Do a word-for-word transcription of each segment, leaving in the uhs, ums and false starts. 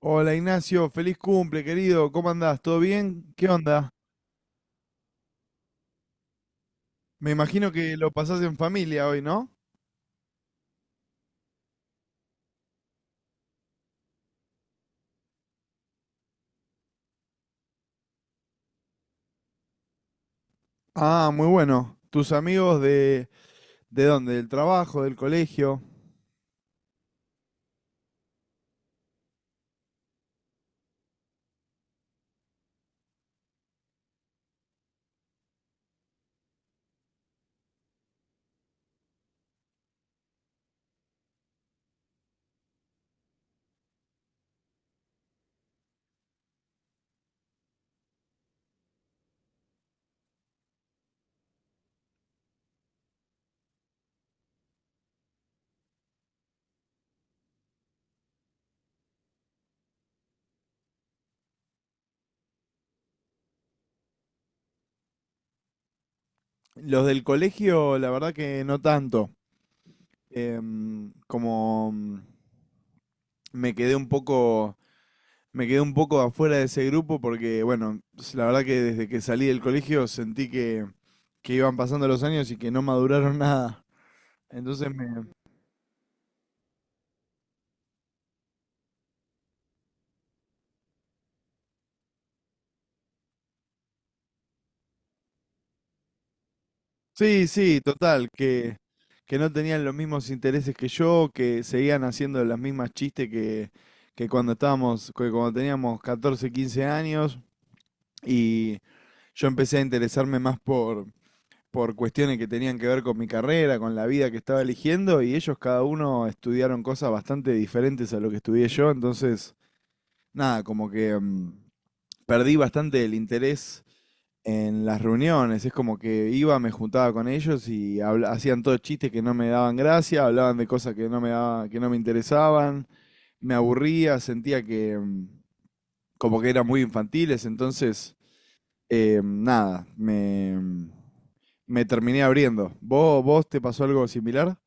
Hola Ignacio, feliz cumple, querido. ¿Cómo andás? ¿Todo bien? ¿Qué onda? Me imagino que lo pasás en familia hoy, ¿no? Ah, muy bueno. ¿Tus amigos de, de dónde? ¿Del trabajo, del colegio? Los del colegio, la verdad que no tanto. Em, como mm, me quedé un poco, me quedé un poco afuera de ese grupo porque, bueno, s- la verdad que desde que salí del colegio sentí que, que iban pasando los años y que no maduraron nada. Entonces me, sí, sí, total, que, que no tenían los mismos intereses que yo, que seguían haciendo las mismas chistes que, que cuando estábamos, que cuando teníamos catorce, quince años, y yo empecé a interesarme más por, por cuestiones que tenían que ver con mi carrera, con la vida que estaba eligiendo, y ellos cada uno estudiaron cosas bastante diferentes a lo que estudié yo, entonces, nada, como que mm, perdí bastante el interés en las reuniones. Es como que iba, me juntaba con ellos y habla- hacían todos chistes que no me daban gracia, hablaban de cosas que no me daba- que no me interesaban, me aburría, sentía que mm, como que eran muy infantiles, entonces eh, nada, me, me terminé abriendo. ¿Vos, vos te pasó algo similar?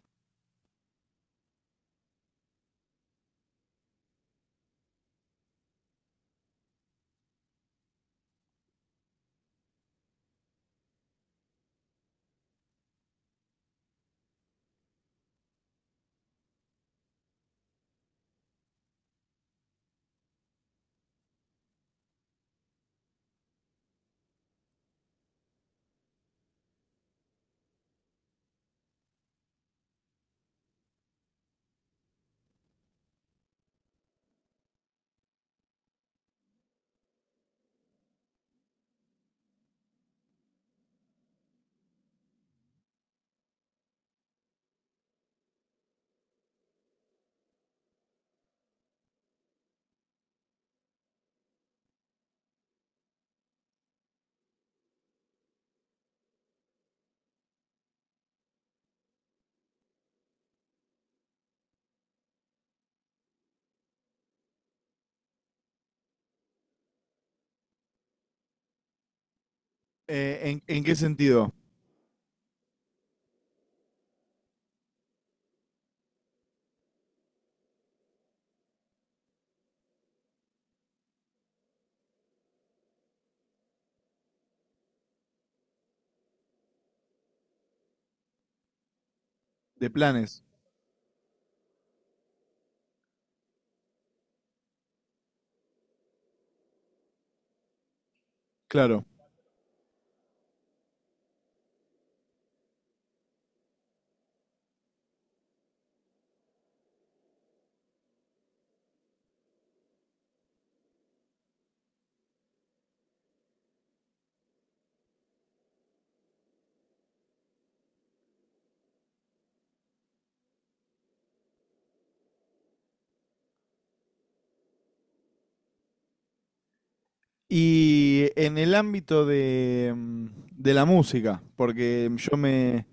Eh, ¿en, en qué sentido? De planes, claro. Y en el ámbito de, mm, de la música, porque yo me,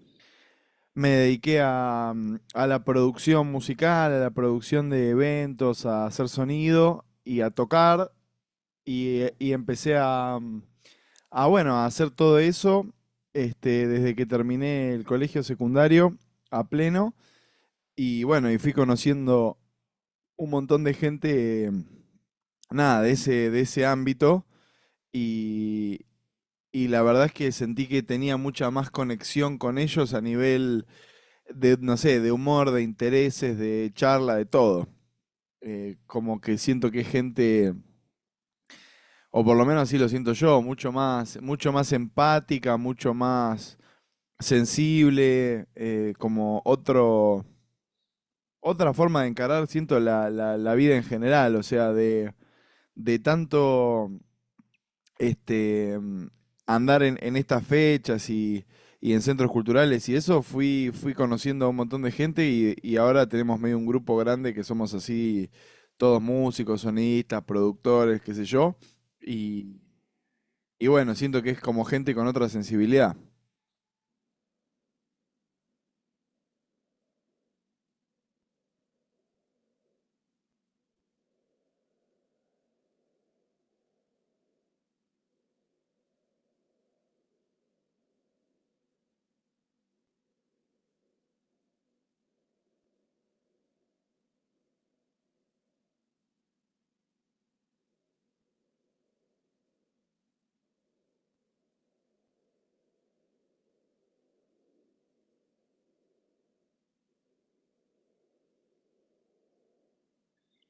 me dediqué a, mm, a la producción musical, a la producción de eventos, a hacer sonido y a tocar. Y, eh, y empecé a, mm, a, bueno, a hacer todo eso este, desde que terminé el colegio secundario a pleno. Y bueno, y fui conociendo un montón de gente, eh, nada, de ese, de ese ámbito. Y, y la verdad es que sentí que tenía mucha más conexión con ellos a nivel de, no sé, de humor, de intereses, de charla, de todo. Eh, como que siento que es gente, o por lo menos así lo siento yo, mucho más, mucho más empática, mucho más sensible, eh, como otro, otra forma de encarar, siento, la, la, la vida en general, o sea, de, de tanto este, mm, andar en, en estas fechas y, y en centros culturales y eso, fui, fui conociendo a un montón de gente y, y ahora tenemos medio un grupo grande que somos así, todos músicos, sonistas, productores, qué sé yo. Y, y bueno, siento que es como gente con otra sensibilidad.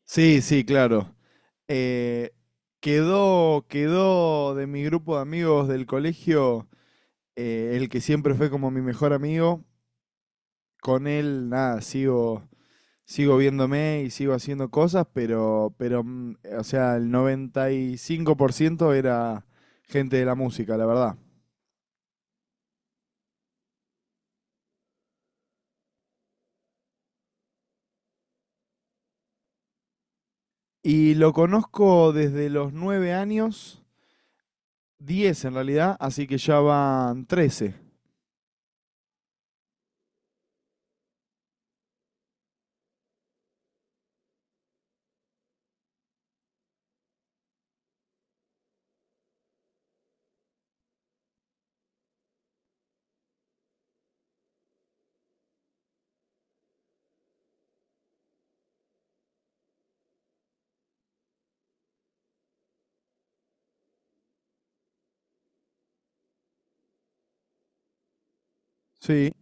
Sí, sí, claro. Eh, quedó, quedó de mi grupo de amigos del colegio eh, el que siempre fue como mi mejor amigo. Con él, nada, sigo, sigo viéndome y sigo haciendo cosas, pero, pero, mm, eh, o sea, el noventa y cinco por ciento era gente de la música, la verdad. Y lo conozco desde los nueve años, diez en realidad, así que ya van trece. Sí.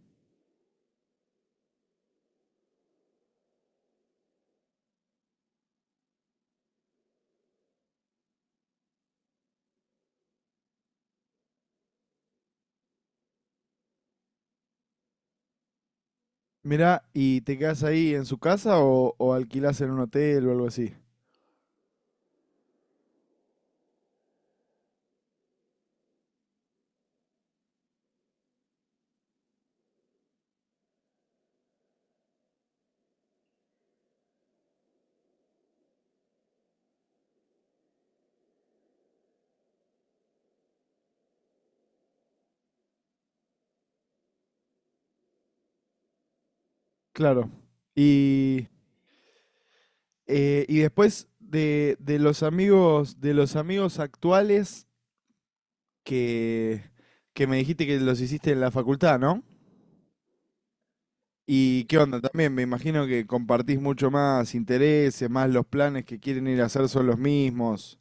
Mirá, ¿y te quedas ahí en su casa o, o alquilás en un hotel o algo así? Claro. Y, eh, y después de, de los amigos, de los amigos actuales, que, que me dijiste que los hiciste en la facultad, ¿no? ¿Y qué onda? También me imagino que compartís mucho más intereses, más los planes que quieren ir a hacer son los mismos.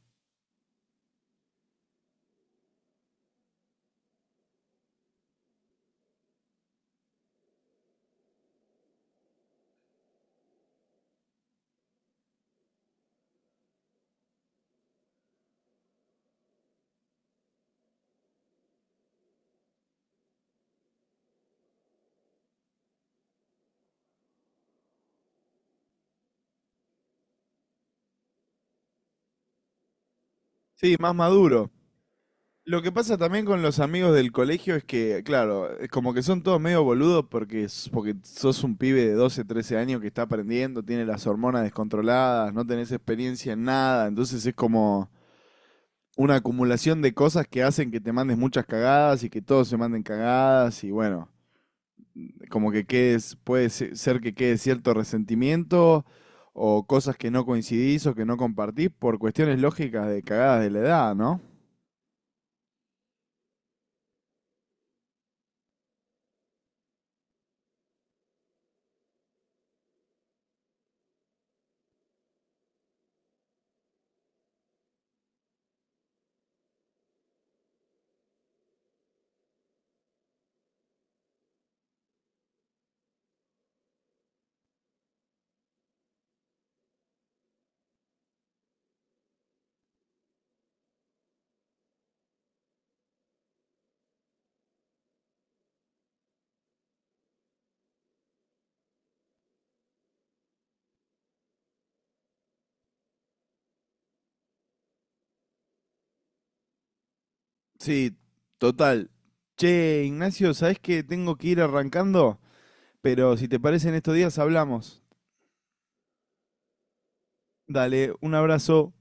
Sí, más maduro. Lo que pasa también con los amigos del colegio es que, claro, es como que son todos medio boludos porque, s- porque sos un pibe de doce, trece años que está aprendiendo, tiene las hormonas descontroladas, no tenés experiencia en nada, entonces es como una acumulación de cosas que hacen que te mandes muchas cagadas y que todos se manden cagadas y bueno, como que quedes, puede se- ser que quede cierto resentimiento o cosas que no coincidís o que no compartís por cuestiones lógicas de cagadas de la edad, ¿no? Sí, total. Che, Ignacio, ¿sabés que tengo que ir arrancando? Pero si te parece en estos días hablamos. Dale, un abrazo.